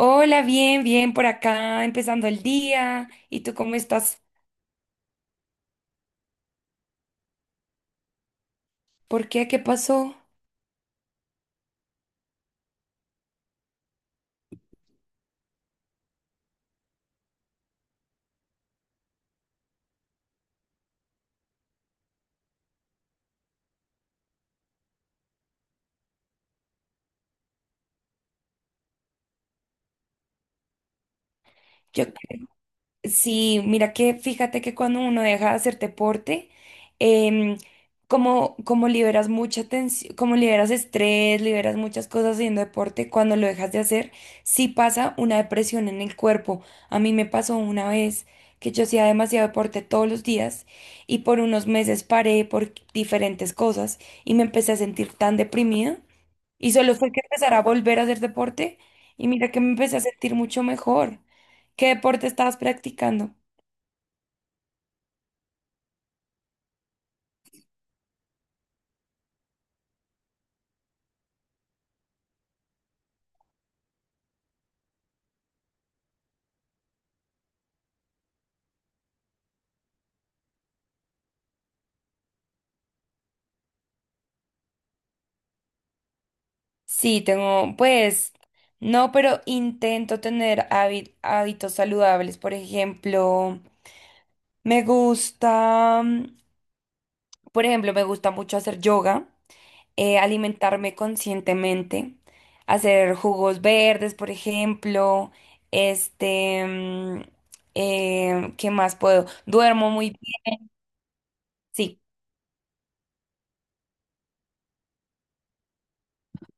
Hola, bien, bien por acá, empezando el día. ¿Y tú cómo estás? ¿Por qué? ¿Qué pasó? Yo, sí, mira que fíjate que cuando uno deja de hacer deporte, em, como liberas mucha tensión, como liberas estrés, liberas muchas cosas haciendo deporte, cuando lo dejas de hacer, sí pasa una depresión en el cuerpo. A mí me pasó una vez que yo hacía demasiado deporte todos los días y por unos meses paré por diferentes cosas y me empecé a sentir tan deprimida. Y solo fue que empezar a volver a hacer deporte y mira que me empecé a sentir mucho mejor. ¿Qué deporte estabas practicando? Sí, tengo, pues, no, pero intento tener hábitos saludables. Por ejemplo, me gusta, por ejemplo, me gusta mucho hacer yoga, alimentarme conscientemente, hacer jugos verdes, por ejemplo, este, mm, ¿qué más puedo? Duermo muy bien. Sí.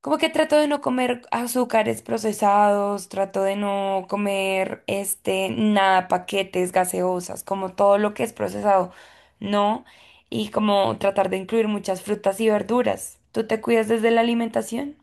Como que trato de no comer azúcares procesados, trato de no comer nada, paquetes, gaseosas, como todo lo que es procesado, no, y como tratar de incluir muchas frutas y verduras. ¿Tú te cuidas desde la alimentación?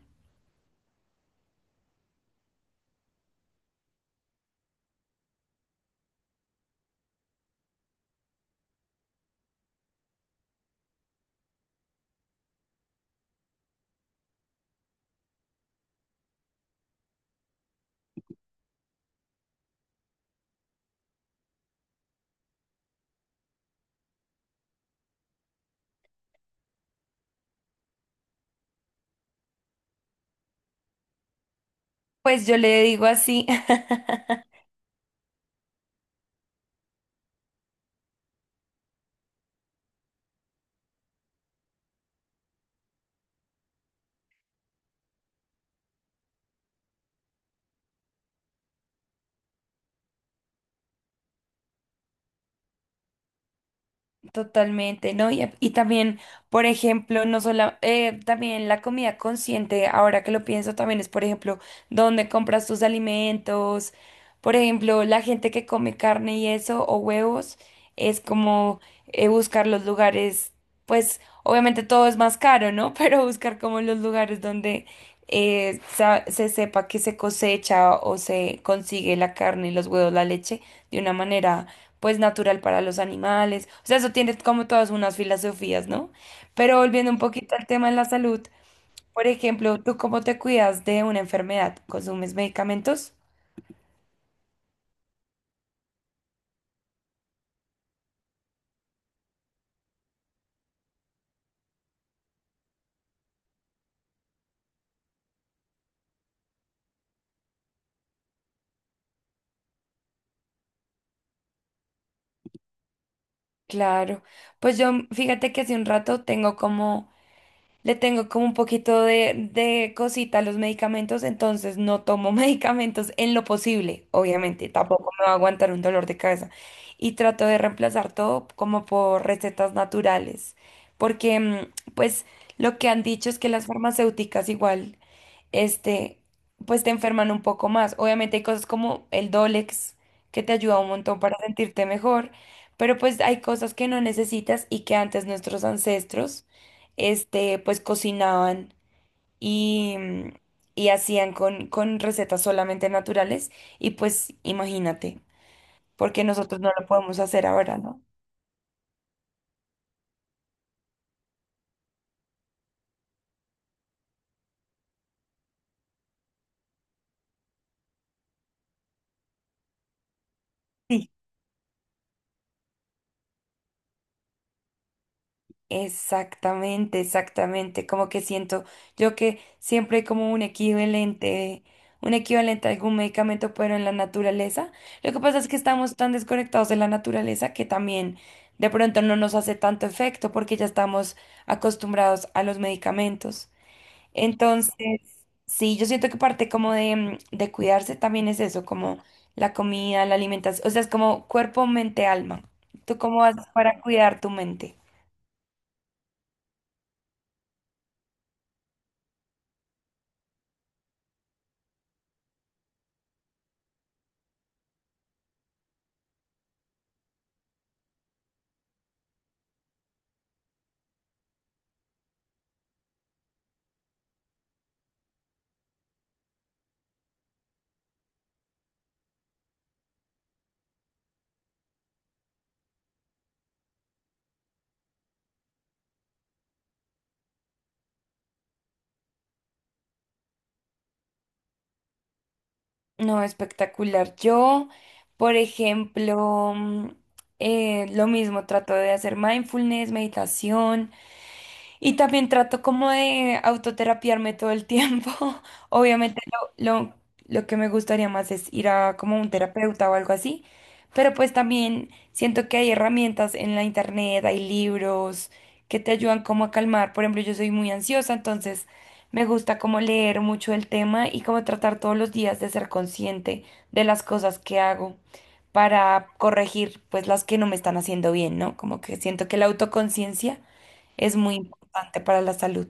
Pues yo le digo así. Totalmente, ¿no? Y también, por ejemplo, no solo, también la comida consciente, ahora que lo pienso, también es, por ejemplo, dónde compras tus alimentos, por ejemplo, la gente que come carne y eso, o huevos, es como buscar los lugares, pues obviamente todo es más caro, ¿no? Pero buscar como los lugares donde se sepa que se cosecha o se consigue la carne, los huevos, la leche, de una manera pues natural para los animales. O sea, eso tiene como todas unas filosofías, ¿no? Pero volviendo un poquito al tema de la salud, por ejemplo, ¿tú cómo te cuidas de una enfermedad? ¿Consumes medicamentos? Claro. Pues yo, fíjate que hace un rato tengo como... Le tengo como un poquito de cosita a los medicamentos, entonces no tomo medicamentos en lo posible, obviamente. Tampoco me va a aguantar un dolor de cabeza. Y trato de reemplazar todo como por recetas naturales, porque pues lo que han dicho es que las farmacéuticas igual este, pues te enferman un poco más. Obviamente hay cosas como el Dolex que te ayuda un montón para sentirte mejor, pero pues hay cosas que no necesitas y que antes nuestros ancestros, pues cocinaban y, y hacían con recetas solamente naturales y pues imagínate, porque nosotros no lo podemos hacer ahora, ¿no? Sí. Exactamente, exactamente. Como que siento yo que siempre hay como un equivalente a algún medicamento, pero en la naturaleza. Lo que pasa es que estamos tan desconectados de la naturaleza que también de pronto no nos hace tanto efecto porque ya estamos acostumbrados a los medicamentos. Entonces, sí, yo siento que parte como de, de cuidarse también es eso, como la comida, la alimentación. O sea, es como cuerpo, mente, alma. ¿Tú cómo haces para cuidar tu mente? No, espectacular. Yo, por ejemplo, lo mismo, trato de hacer mindfulness, meditación. Y también trato como de autoterapiarme todo el tiempo. Obviamente lo, lo, lo que me gustaría más es ir a como un terapeuta o algo así, pero pues también siento que hay herramientas en la internet, hay libros que te ayudan como a calmar. Por ejemplo, yo soy muy ansiosa, entonces me gusta como leer mucho el tema y como tratar todos los días de ser consciente de las cosas que hago para corregir pues las que no me están haciendo bien, ¿no? Como que siento que la autoconciencia es muy importante para la salud.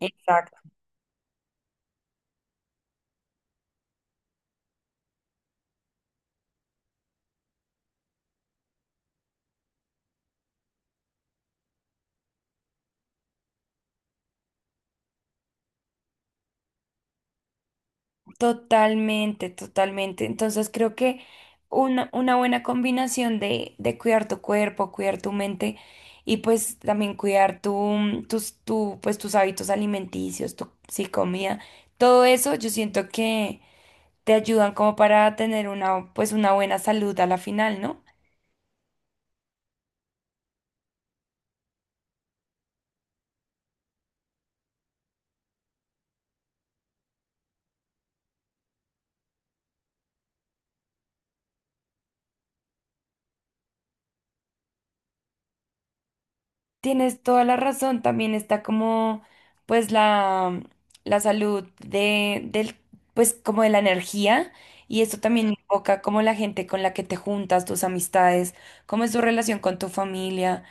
Exacto. Totalmente, totalmente. Entonces creo que una buena combinación de cuidar tu cuerpo, cuidar tu mente y pues también cuidar tus pues, tus hábitos alimenticios, tu sí, comida, todo eso yo siento que te ayudan como para tener una, pues, una buena salud a la final, ¿no? Tienes toda la razón, también está como pues la salud del pues como de la energía y esto también invoca como la gente con la que te juntas, tus amistades, cómo es tu relación con tu familia,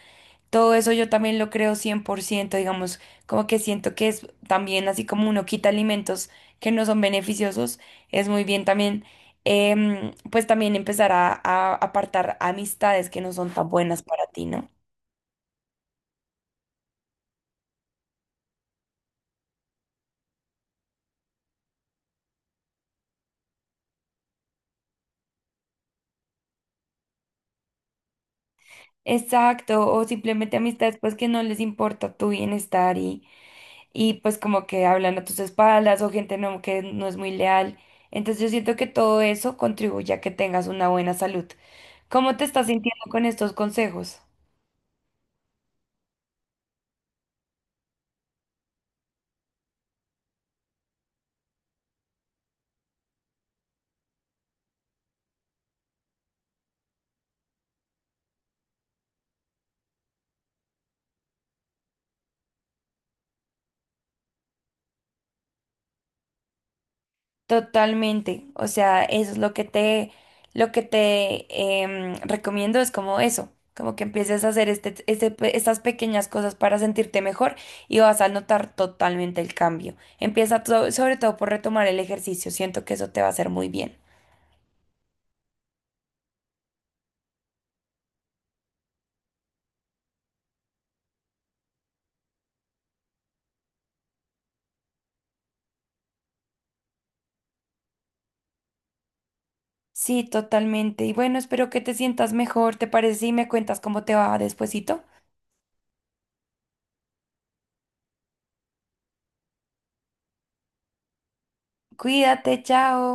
todo eso yo también lo creo 100%. Digamos, como que siento que es también así como uno quita alimentos que no son beneficiosos, es muy bien también pues también empezar a apartar amistades que no son tan buenas para ti, ¿no? Exacto, o simplemente amistades pues que no les importa tu bienestar y pues como que hablan a tus espaldas o gente no, que no es muy leal. Entonces yo siento que todo eso contribuye a que tengas una buena salud. ¿Cómo te estás sintiendo con estos consejos? Totalmente, o sea, eso es lo que te recomiendo es como eso, como que empieces a hacer estas pequeñas cosas para sentirte mejor y vas a notar totalmente el cambio. Empieza sobre todo por retomar el ejercicio, siento que eso te va a hacer muy bien. Sí, totalmente. Y bueno, espero que te sientas mejor. ¿Te parece si me cuentas cómo te va despuesito? Cuídate, chao.